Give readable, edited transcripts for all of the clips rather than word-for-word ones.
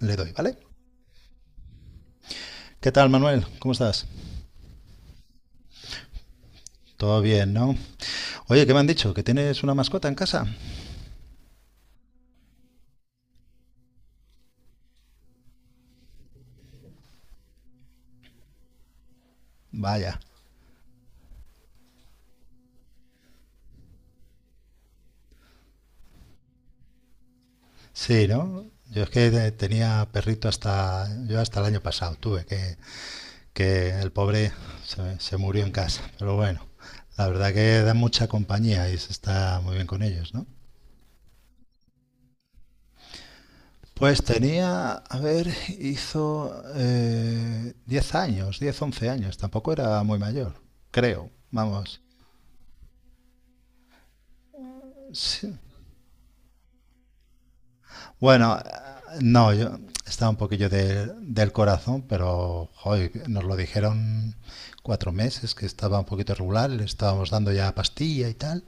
Le doy, ¿vale? ¿Qué tal, Manuel? ¿Cómo estás? Todo bien, ¿no? Oye, ¿qué me han dicho? ¿Que tienes una mascota en casa? Vaya. Sí, ¿no? Yo es que tenía perrito yo hasta el año pasado tuve, que el pobre se murió en casa. Pero bueno, la verdad que da mucha compañía y se está muy bien con ellos, ¿no? Pues tenía, a ver, hizo 10 años, 10 11 años, tampoco era muy mayor, creo, vamos. Sí, bueno, no, yo estaba un poquillo del corazón, pero joy, nos lo dijeron 4 meses, que estaba un poquito regular, le estábamos dando ya pastilla y tal,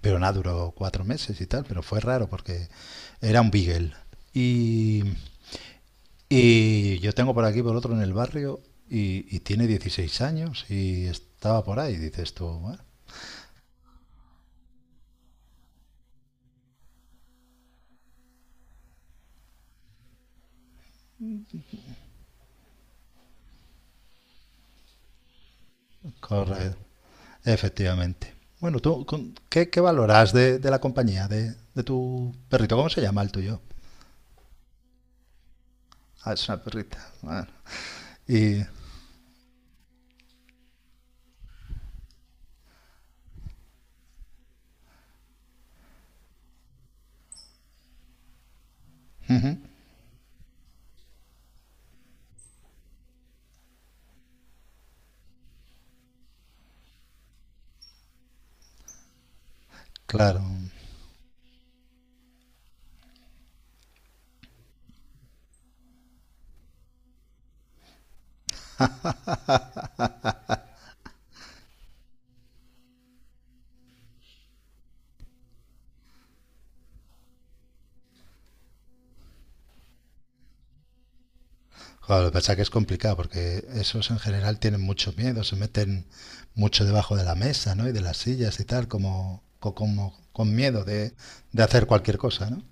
pero nada, duró 4 meses y tal, pero fue raro porque era un Beagle. Y, y yo tengo por aquí, por otro, en el barrio, y tiene 16 años y estaba por ahí, dices tú, bueno, corre. Efectivamente. Bueno, ¿tú qué valoras de la compañía, de tu perrito? ¿Cómo se llama el tuyo? Ah, es una perrita. Bueno, y claro, joder, lo que pasa es que es complicado porque esos en general tienen mucho miedo, se meten mucho debajo de la mesa, ¿no? Y de las sillas y tal, como, como con miedo de hacer cualquier cosa, ¿no?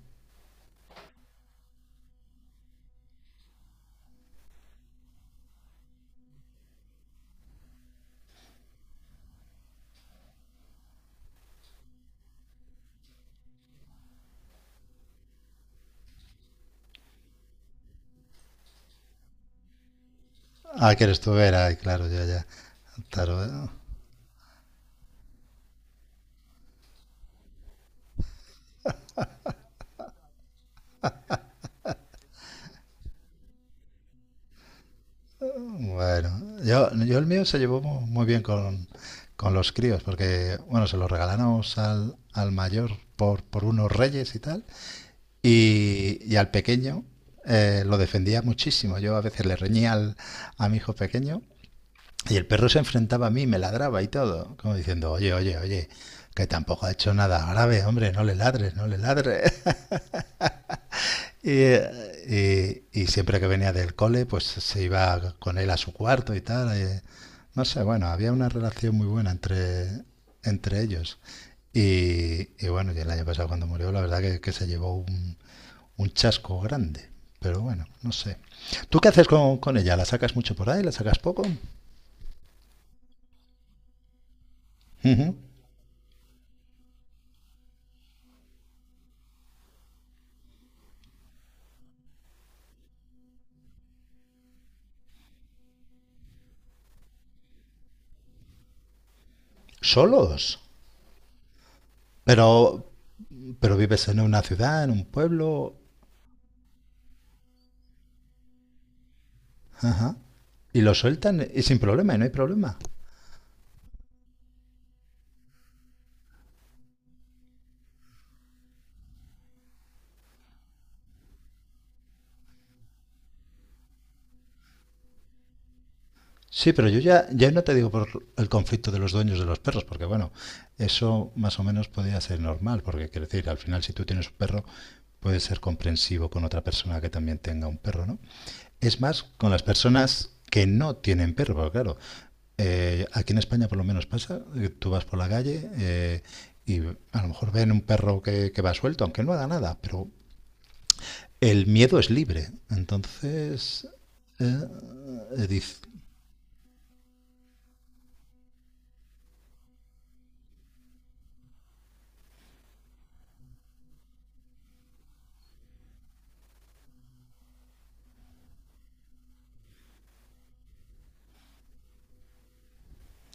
Ah, que eres tú, era, y claro, ya, ya. Claro, eh. Bueno, yo el mío se llevó muy bien con los críos, porque, bueno, se lo regalamos al mayor por unos Reyes y tal, y al pequeño lo defendía muchísimo. Yo a veces le reñía a mi hijo pequeño, y el perro se enfrentaba a mí, me ladraba y todo, como diciendo, oye, oye, oye, que tampoco ha hecho nada grave, hombre, no le ladres, no le ladres. Y siempre que venía del cole, pues se iba con él a su cuarto y tal. No sé, bueno, había una relación muy buena entre ellos. Y bueno, y el año pasado cuando murió, la verdad que se llevó un chasco grande. Pero bueno, no sé. ¿Tú qué haces con ella? ¿La sacas mucho por ahí? ¿La sacas poco? Ujú. ¿Solos? Pero, pero vives en una ciudad, en un pueblo. Ajá. Y lo sueltan y sin problema, y no hay problema. Sí, pero yo ya no te digo por el conflicto de los dueños de los perros, porque bueno, eso más o menos podría ser normal, porque quiero decir, al final si tú tienes un perro, puedes ser comprensivo con otra persona que también tenga un perro, ¿no? Es más, con las personas que no tienen perro, porque claro, aquí en España por lo menos pasa, tú vas por la calle y a lo mejor ven un perro que va suelto, aunque no haga nada, pero el miedo es libre, entonces eh, eh, diz-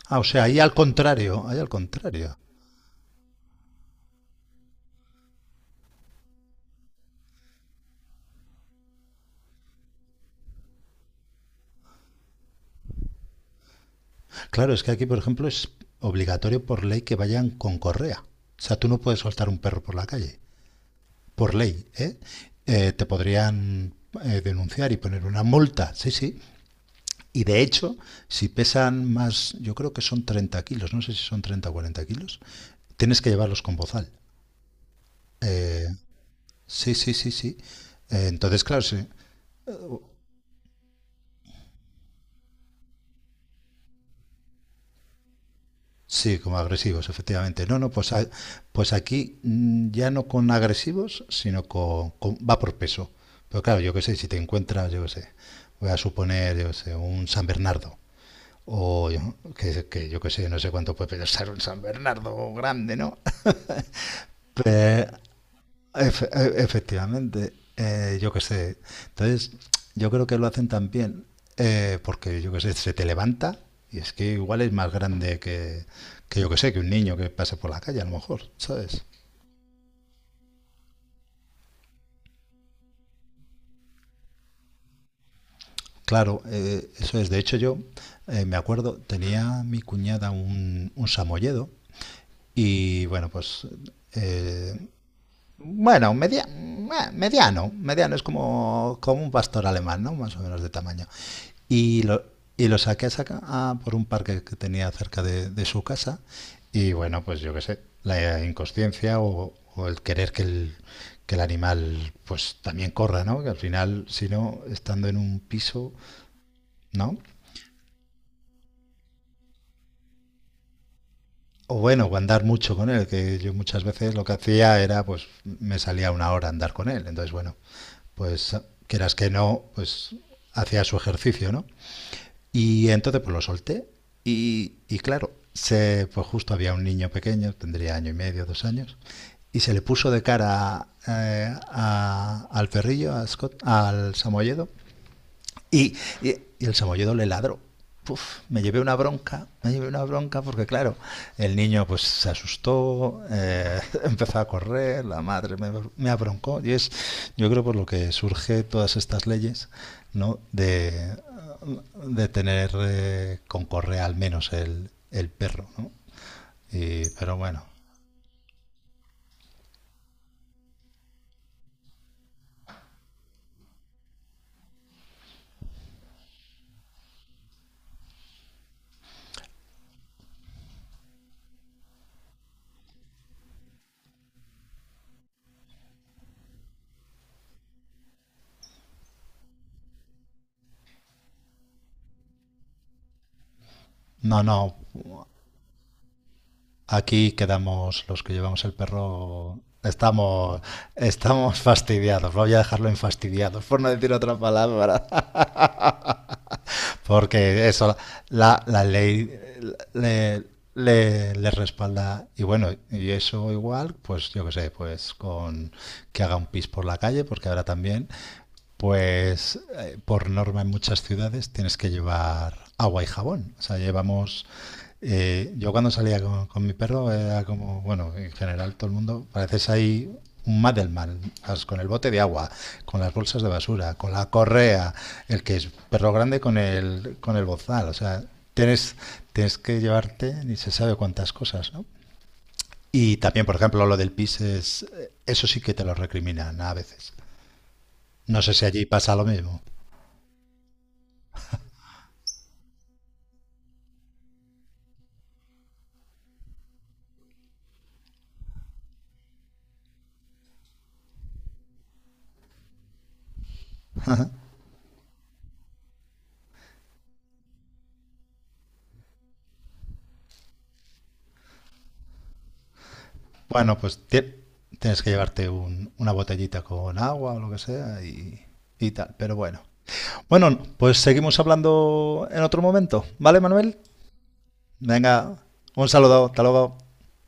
Ah, o sea, ahí al contrario, ahí al contrario. Claro, es que aquí, por ejemplo, es obligatorio por ley que vayan con correa. O sea, tú no puedes soltar un perro por la calle, por ley, ¿eh? Te podrían denunciar y poner una multa, sí, sí. Y de hecho, si pesan más, yo creo que son 30 kilos, no sé si son 30 o 40 kilos, tienes que llevarlos con bozal. Eh, sí, sí, sí, sí. Entonces, claro, sí. Sí, como agresivos, efectivamente. No, no, pues, pues aquí ya no con agresivos, sino va por peso. Pero claro, yo qué sé, si te encuentras, yo qué sé, voy a suponer, yo qué sé, un San Bernardo. O que, yo qué sé, no sé cuánto puede pesar un San Bernardo grande, ¿no? Efectivamente, yo qué sé. Entonces, yo creo que lo hacen también porque, yo qué sé, se te levanta y es que igual es más grande que, yo qué sé, que un niño que pase por la calle, a lo mejor, ¿sabes? Claro, eso es. De hecho, yo me acuerdo, tenía mi cuñada un samoyedo y, bueno, pues, eh, bueno, mediano, es como un pastor alemán, ¿no? Más o menos de tamaño. Y lo, y lo saqué a por un parque que tenía cerca de su casa. Y bueno, pues yo qué sé, la inconsciencia o el querer que el animal pues también corra, ¿no? Que al final, si no, estando en un piso, ¿no? O bueno, o andar mucho con él, que yo muchas veces lo que hacía era, pues me salía una hora a andar con él. Entonces, bueno, pues quieras que no, pues hacía su ejercicio, ¿no? Y entonces pues lo solté y claro, se, pues justo había un niño pequeño, tendría año y medio, 2 años, y se le puso de cara al perrillo, a Scott, al Samoyedo, y, y el samoyedo le ladró. Uf, me llevé una bronca, me llevé una bronca porque claro, el niño pues se asustó, empezó a correr, la madre abroncó y es, yo creo por lo que surge todas estas leyes, ¿no? De tener con correa al menos el perro, ¿no? Pero bueno, no, no, aquí quedamos los que llevamos el perro. Estamos fastidiados, voy a dejarlo en fastidiados, por no decir otra palabra, porque eso, la ley le, le respalda. Y bueno, y eso igual, pues yo qué sé, pues con que haga un pis por la calle, porque ahora también pues por norma en muchas ciudades tienes que llevar agua y jabón. O sea, llevamos... yo cuando salía con mi perro era como, bueno, en general todo el mundo, pareces ahí un Madelman, con el bote de agua, con las bolsas de basura, con la correa, el que es perro grande con con el bozal. O sea, tienes, tienes que llevarte ni se sabe cuántas cosas, ¿no? Y también, por ejemplo, lo del pis es, eso sí que te lo recriminan a veces. No sé si allí pasa lo mismo. Bueno, pues tienes que llevarte una botellita con agua o lo que sea y tal, pero bueno. Bueno, pues seguimos hablando en otro momento, ¿vale, Manuel? Venga, un saludo, hasta luego.